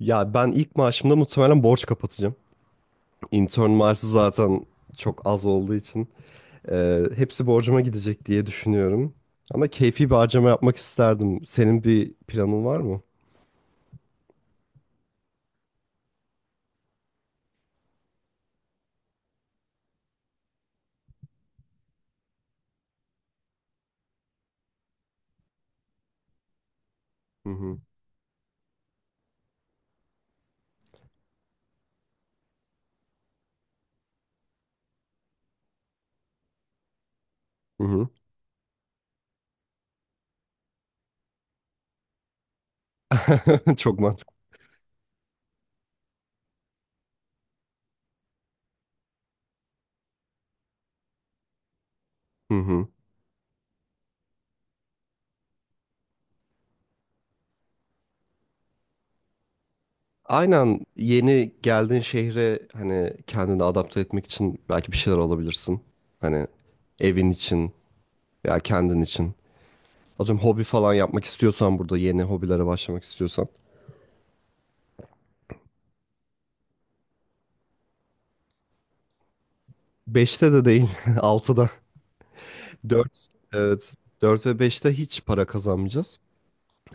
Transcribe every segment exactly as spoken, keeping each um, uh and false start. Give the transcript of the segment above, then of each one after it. Ya ben ilk maaşımda muhtemelen borç kapatacağım. Intern maaşı zaten çok az olduğu için e, hepsi borcuma gidecek diye düşünüyorum. Ama keyfi bir harcama yapmak isterdim. Senin bir planın var mı? Hı hı. Hı hı. Çok mantıklı. Hı hı. Aynen, yeni geldiğin şehre hani kendini adapte etmek için belki bir şeyler alabilirsin. Hani evin için veya kendin için. Atıyorum, hobi falan yapmak istiyorsan, burada yeni hobilere başlamak istiyorsan. Beşte de değil, altıda. Dört, evet, dört ve beşte hiç para kazanmayacağız.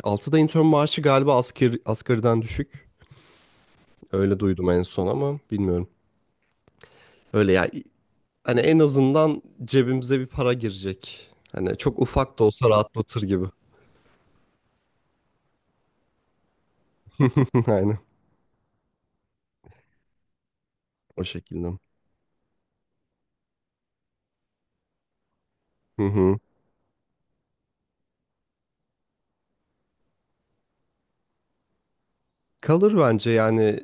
Altıda intern maaşı galiba asker, asgariden düşük. Öyle duydum en son ama bilmiyorum. Öyle ya, hani en azından cebimize bir para girecek. Hani çok ufak da olsa rahatlatır gibi. Aynen, o şekilde. Hı hı. Kalır bence yani,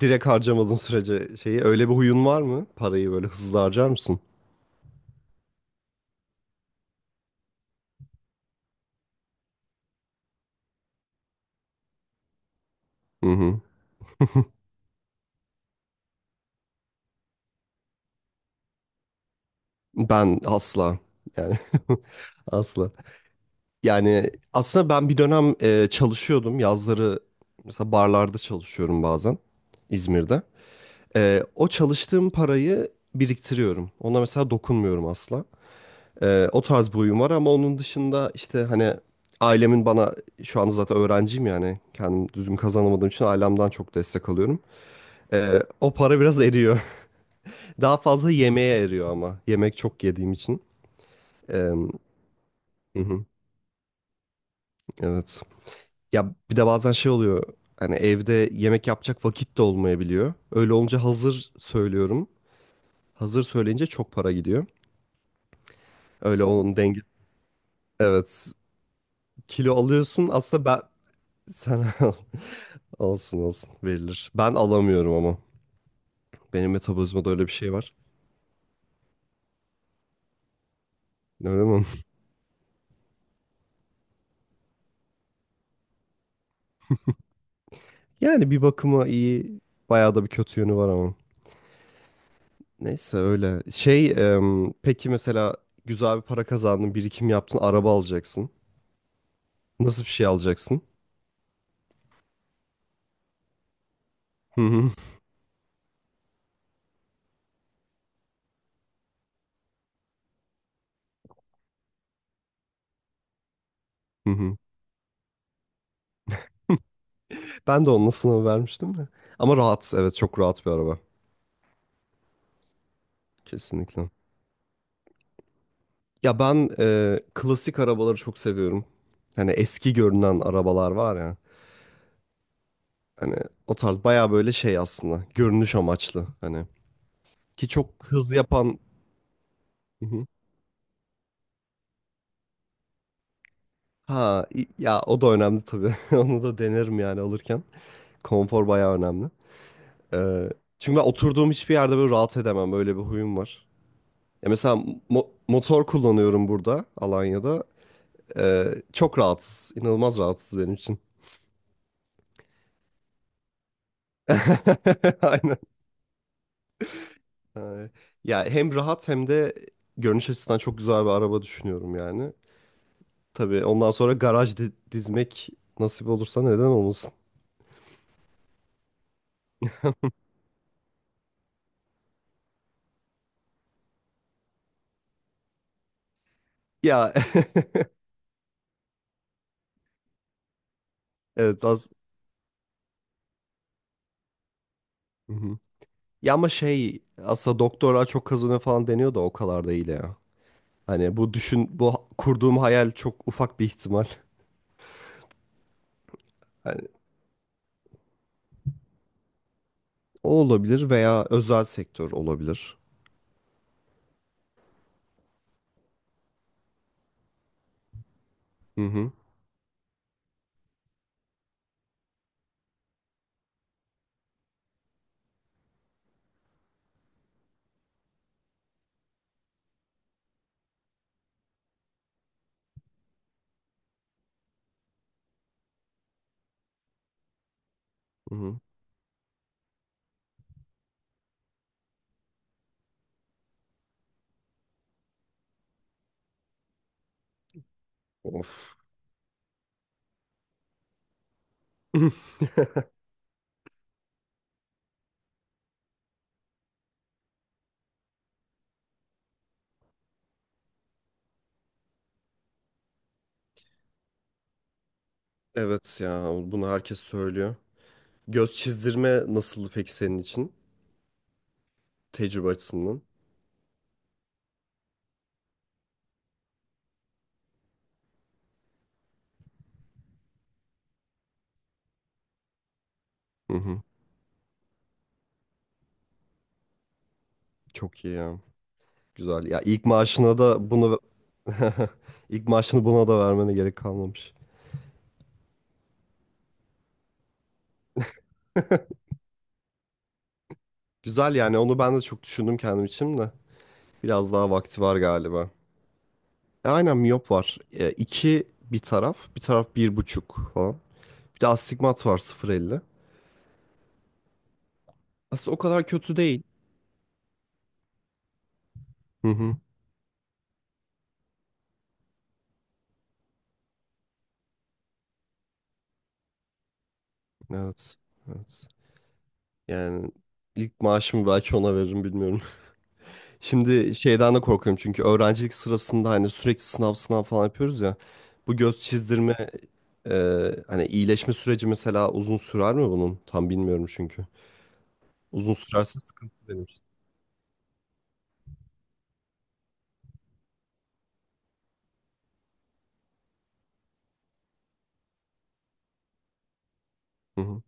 direkt harcamadığın sürece. Şeyi, öyle bir huyun var mı? Parayı böyle hızlı harcar mısın? Hı hı. Ben asla, yani asla. Yani aslında ben bir dönem e, çalışıyordum. Yazları mesela barlarda çalışıyorum bazen, İzmir'de. E, o çalıştığım parayı biriktiriyorum. Ona mesela dokunmuyorum asla. E, o tarz bir huyum var ama onun dışında işte hani, ailemin bana, şu anda zaten öğrenciyim yani kendim düzgün kazanamadığım için ailemden çok destek alıyorum. E, o para biraz eriyor. Daha fazla yemeğe eriyor, ama yemek çok yediğim için. E, hı hı, evet. Ya bir de bazen şey oluyor. Hani evde yemek yapacak vakit de olmayabiliyor. Öyle olunca hazır söylüyorum. Hazır söyleyince çok para gidiyor. Öyle, onun denge... Evet. Kilo alıyorsun. Aslında ben... Sen al. Olsun olsun. Verilir. Ben alamıyorum ama. Benim metabolizmada öyle bir şey var. Öyle mi? Yani bir bakıma iyi. Bayağı da bir kötü yönü var ama. Neyse öyle. Şey em, peki mesela, güzel bir para kazandın. Birikim yaptın. Araba alacaksın. Nasıl bir şey alacaksın? Hı hı. Hı hı. Ben de onunla sınavı vermiştim de. Ama rahat, evet çok rahat bir araba. Kesinlikle. Ya ben e, klasik arabaları çok seviyorum. Hani eski görünen arabalar var ya. Hani o tarz, baya böyle şey aslında. Görünüş amaçlı. Hani ki çok hız yapan... Hı hı. Ha i- ya o da önemli tabii. Onu da denerim yani alırken. Konfor baya önemli. E, Çünkü ben oturduğum hiçbir yerde böyle rahat edemem. Böyle bir huyum var. Ya mesela, mo- motor kullanıyorum burada, Alanya'da. Ee, çok rahatsız. İnanılmaz rahatsız benim için. Aynen. Ee, Ya hem rahat hem de görünüş açısından çok güzel bir araba düşünüyorum yani. Tabii ondan sonra garaj di- dizmek, nasip olursa neden olmasın. Ya evet az... Hı hı. Ya ama şey, aslında doktora çok kazanıyor falan deniyor da, o kadar değil ya. Hani bu, düşün, bu ha- kurduğum hayal çok ufak bir ihtimal. Hani o olabilir veya özel sektör olabilir. Hı hı. Hı hı. Of. Evet ya, bunu herkes söylüyor. Göz çizdirme nasıldı peki senin için? Tecrübe açısından. Hı hı. Çok iyi ya. Güzel. Ya ilk maaşına da bunu ilk maaşını buna da vermene gerek kalmamış. Güzel, yani onu ben de çok düşündüm kendim için de. Biraz daha vakti var galiba. E, aynen, miyop var. E, iki bir taraf, bir taraf bir buçuk falan. Bir de astigmat var, sıfır virgül elli. Aslında o kadar kötü değil. Hı hı. Evet. Evet. Yani ilk maaşımı belki ona veririm, bilmiyorum. Şimdi şeyden de korkuyorum, çünkü öğrencilik sırasında hani sürekli sınav sınav falan yapıyoruz ya. Bu göz çizdirme e, hani iyileşme süreci, mesela uzun sürer mi bunun? Tam bilmiyorum çünkü. Uzun sürerse sıkıntı benim için. Hı hı.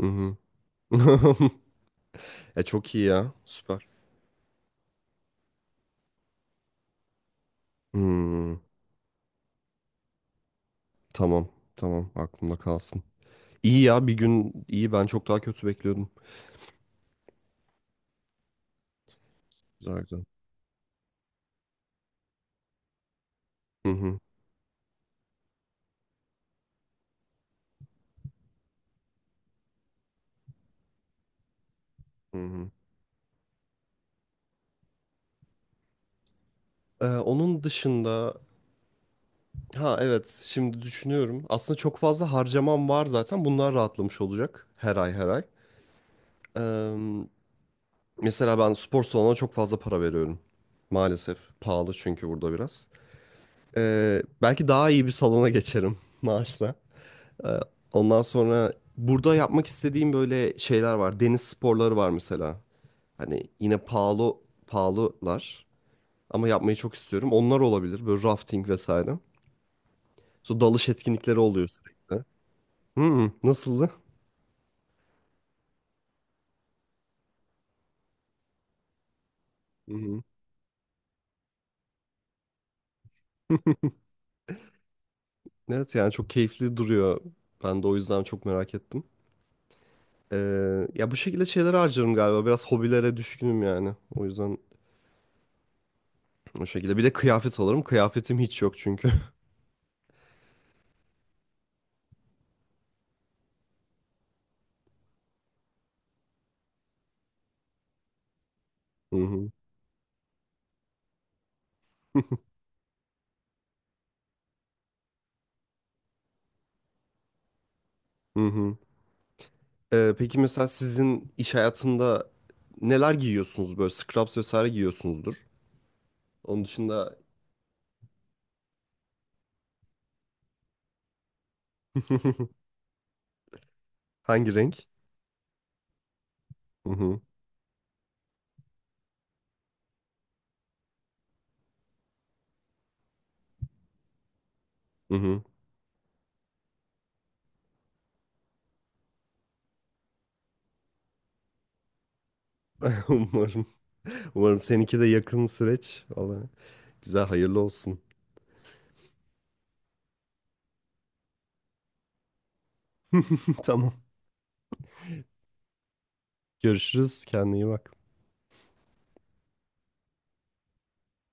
Hı hı. E çok iyi ya. Süper. Hmm, tamam. Tamam. Aklımda kalsın. İyi ya, bir gün iyi, ben çok daha kötü bekliyordum. Güzel güzel. Hı hı. Hı hı. E, onun dışında... Ha evet, şimdi düşünüyorum. Aslında çok fazla harcamam var zaten. Bunlar rahatlamış olacak her ay, her ay. Eee, Mesela ben spor salonuna çok fazla para veriyorum. Maalesef pahalı çünkü burada biraz. Eee, belki daha iyi bir salona geçerim maaşla. Eee, Ondan sonra, burada yapmak istediğim böyle şeyler var. Deniz sporları var mesela. Hani yine pahalı pahalılar, ama yapmayı çok istiyorum. Onlar olabilir, böyle rafting vesaire. Sonra dalış etkinlikleri oluyor sürekli. Hmm, nasıldı? Hı hı. Evet yani çok keyifli duruyor. Ben de o yüzden çok merak ettim. Ee, ya bu şekilde şeyler harcarım galiba. Biraz hobilere düşkünüm yani. O yüzden o şekilde. Bir de kıyafet alırım. Kıyafetim hiç yok çünkü. Hı hı. Hı hı. Ee, peki mesela, sizin iş hayatında neler giyiyorsunuz, böyle scrubs vesaire giyiyorsunuzdur. Onun dışında hangi renk? Hı hı. Hı hı. Umarım. Umarım seninki de yakın süreç. Vallahi, güzel, hayırlı olsun. Tamam. Görüşürüz. Kendine iyi bak.